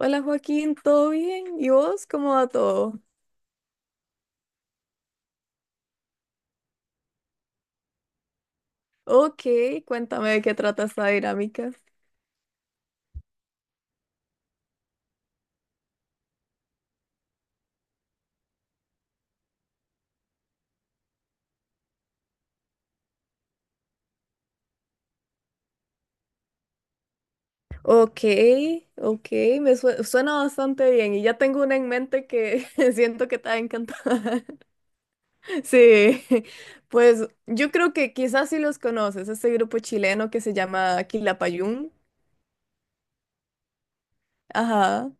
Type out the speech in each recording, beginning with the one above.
Hola Joaquín, ¿todo bien? ¿Y vos cómo va todo? Ok, cuéntame de qué trata esta dinámica. Ok, ok, suena bastante bien y ya tengo una en mente que siento que te va a encantar. Sí, pues yo creo que quizás sí los conoces, este grupo chileno que se llama Quilapayún, ajá,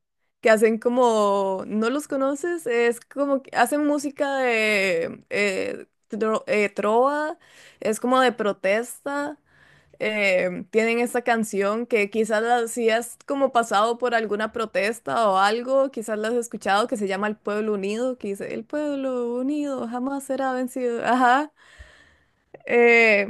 que hacen como, ¿no los conoces? Es como que hacen música de trova, es como de protesta. Tienen esa canción que quizás la, si has como pasado por alguna protesta o algo, quizás la has escuchado, que se llama El Pueblo Unido, que dice, El Pueblo Unido jamás será vencido. Ajá. Eh,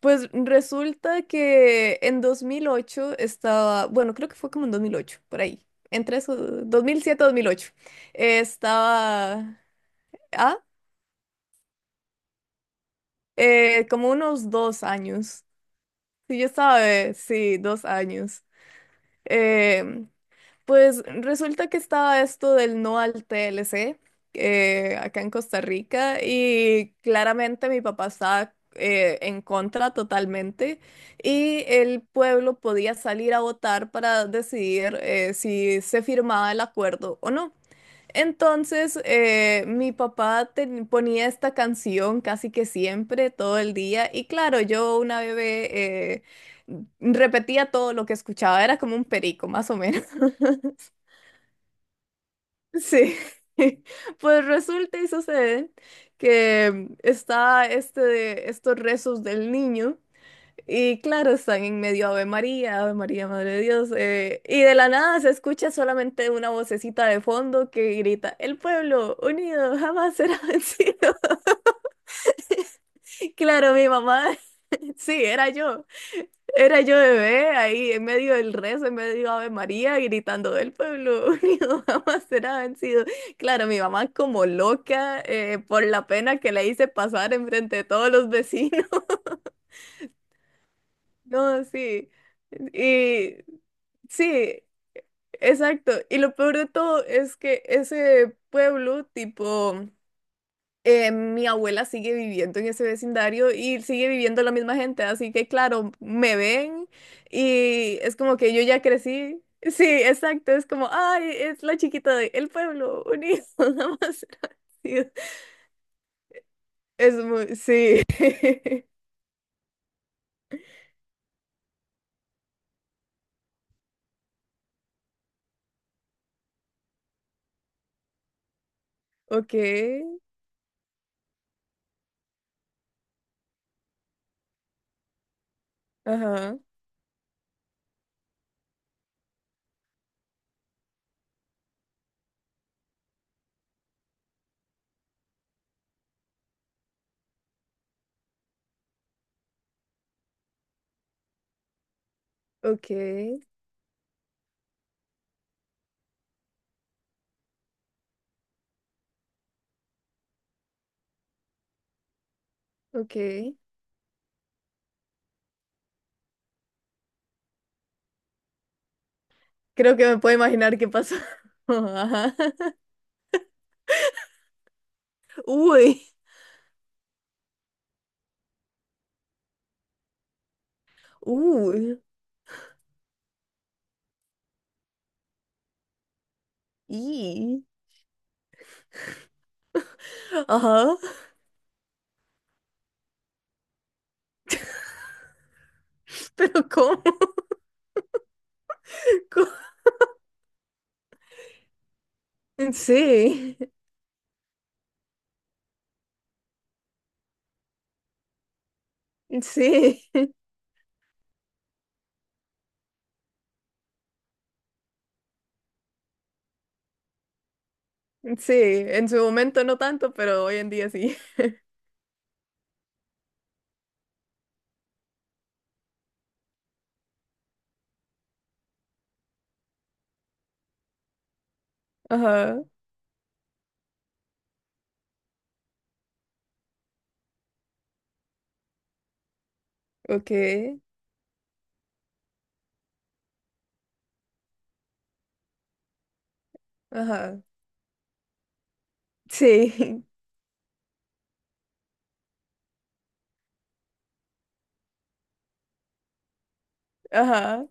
pues resulta que en 2008 estaba, bueno, creo que fue como en 2008 por ahí, entre esos, 2007-2008 estaba, ah, como unos dos años. Sí, yo estaba, sí, dos años. Eh, pues resulta que estaba esto del no al TLC acá en Costa Rica y claramente mi papá estaba en contra totalmente y el pueblo podía salir a votar para decidir si se firmaba el acuerdo o no. Entonces, ponía esta canción casi que siempre, todo el día, y claro, yo una bebé repetía todo lo que escuchaba, era como un perico, más o menos. Sí, pues resulta y sucede que está este, estos rezos del niño. Y claro, están en medio Ave María, Ave María, Madre de Dios. Y de la nada se escucha solamente una vocecita de fondo que grita, El pueblo unido jamás será vencido. Claro, mi mamá, sí, era yo. Era yo bebé ahí en medio del rezo, en medio Ave María, gritando, El pueblo unido jamás será vencido. Claro, mi mamá como loca por la pena que le hice pasar enfrente de todos los vecinos. No, sí. Y... Sí, exacto. Y lo peor de todo es que ese pueblo, tipo, mi abuela sigue viviendo en ese vecindario y sigue viviendo la misma gente. Así que, claro, me ven y es como que yo ya crecí. Sí, exacto. Es como, ay, es la chiquita de el pueblo unido. Nada más era así. Es muy, sí. Ok, ajá, ok, ok. Creo que me puedo imaginar qué pasó. Ajá. Uy. Uy. Y, ajá, pero ¿cómo? ¿Cómo? Sí, sí, sí, en su momento no tanto, pero hoy en día sí. Ajá, ok, ajá, sí, ajá,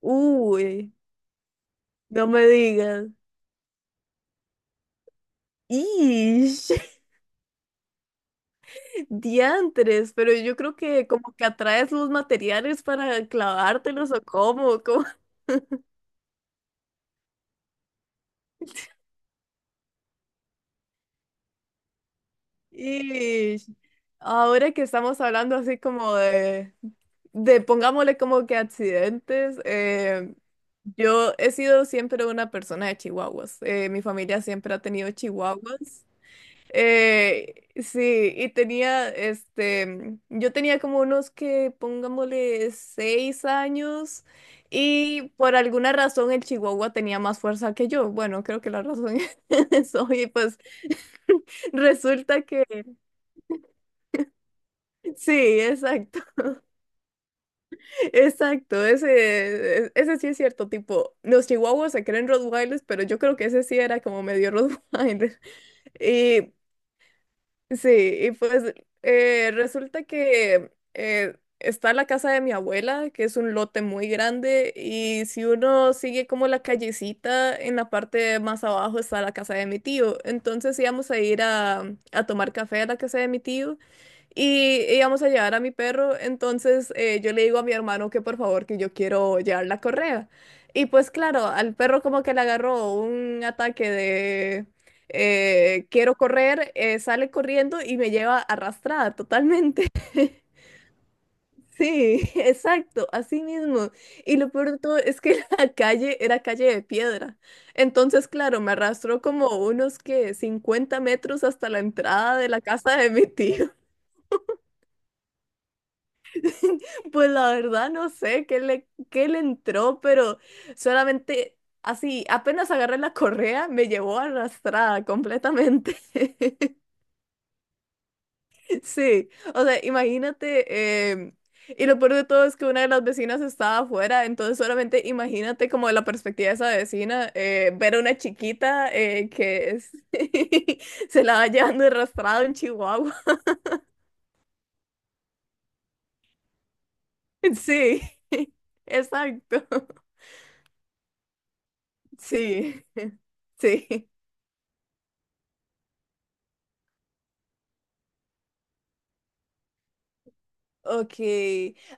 uy, no me digas. Y diantres, pero yo creo que como que atraes los materiales para clavártelos o cómo, cómo. Y ahora que estamos hablando así como de pongámosle como que accidentes, yo he sido siempre una persona de chihuahuas. Mi familia siempre ha tenido chihuahuas. Sí, y tenía, este, yo tenía como unos que pongámosle seis años y por alguna razón el chihuahua tenía más fuerza que yo. Bueno, creo que la razón es eso y pues... Resulta que sí, exacto, exacto, ese, e, ese sí es cierto, tipo, los chihuahuas se creen Rottweilers, pero yo creo que ese sí era como medio Rottweiler. Y sí, y pues resulta que está la casa de mi abuela, que es un lote muy grande, y si uno sigue como la callecita, en la parte más abajo está la casa de mi tío. Entonces íbamos a ir a tomar café a la casa de mi tío y íbamos a llevar a mi perro. Entonces yo le digo a mi hermano que por favor que yo quiero llevar la correa. Y pues claro, al perro como que le agarró un ataque quiero correr, sale corriendo y me lleva arrastrada totalmente. Sí, exacto, así mismo. Y lo peor de todo es que la calle era calle de piedra. Entonces, claro, me arrastró como unos que 50 metros hasta la entrada de la casa de mi tío. Pues la verdad no sé qué le entró, pero solamente así, apenas agarré la correa, me llevó arrastrada completamente. Sí, o sea, imagínate, y lo peor de todo es que una de las vecinas estaba afuera, entonces solamente imagínate como de la perspectiva de esa vecina, ver a una chiquita se la va llevando arrastrado en Chihuahua. Sí, exacto. Sí, sí. Ok.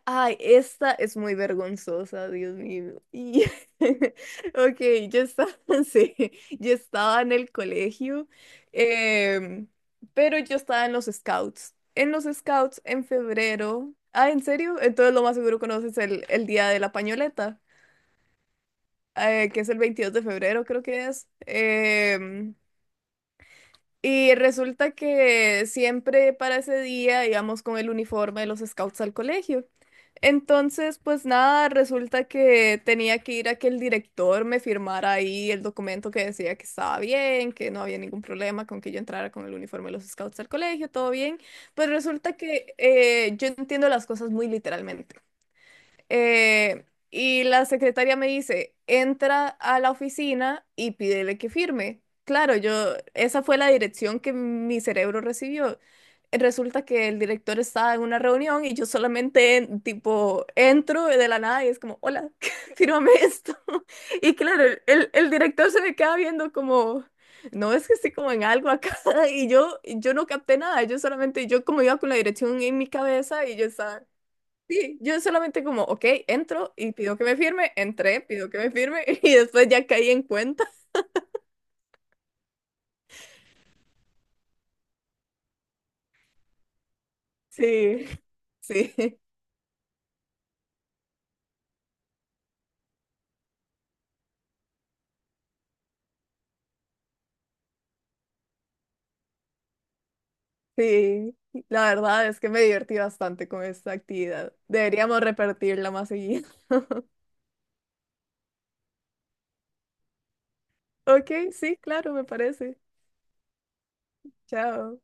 Ay, esta es muy vergonzosa, Dios mío. Y... Ok, yo estaba, sí, yo estaba en el colegio, em, pero yo estaba en los scouts. En los scouts, en febrero. Ah, ¿en serio? Entonces lo más seguro conoces el día de la pañoleta, que es el 22 de febrero, creo que es. Y resulta que siempre para ese día íbamos con el uniforme de los scouts al colegio. Entonces, pues nada, resulta que tenía que ir a que el director me firmara ahí el documento que decía que estaba bien, que no había ningún problema con que yo entrara con el uniforme de los scouts al colegio, todo bien. Pues resulta que yo entiendo las cosas muy literalmente. Y la secretaria me dice, entra a la oficina y pídele que firme. Claro, yo, esa fue la dirección que mi cerebro recibió. Resulta que el director estaba en una reunión y yo solamente, tipo, entro de la nada y es como, hola, fírmame esto. Y claro, el director se me queda viendo como, no, es que estoy como en algo acá. Yo no capté nada, yo solamente, yo como iba con la dirección en mi cabeza y yo estaba... Sí, yo solamente como, ok, entro y pido que me firme, entré, pido que me firme y después ya caí en cuenta. Sí, sí, sí. La verdad es que me divertí bastante con esta actividad. Deberíamos repetirla más seguido. Ok, sí, claro, me parece. Chao.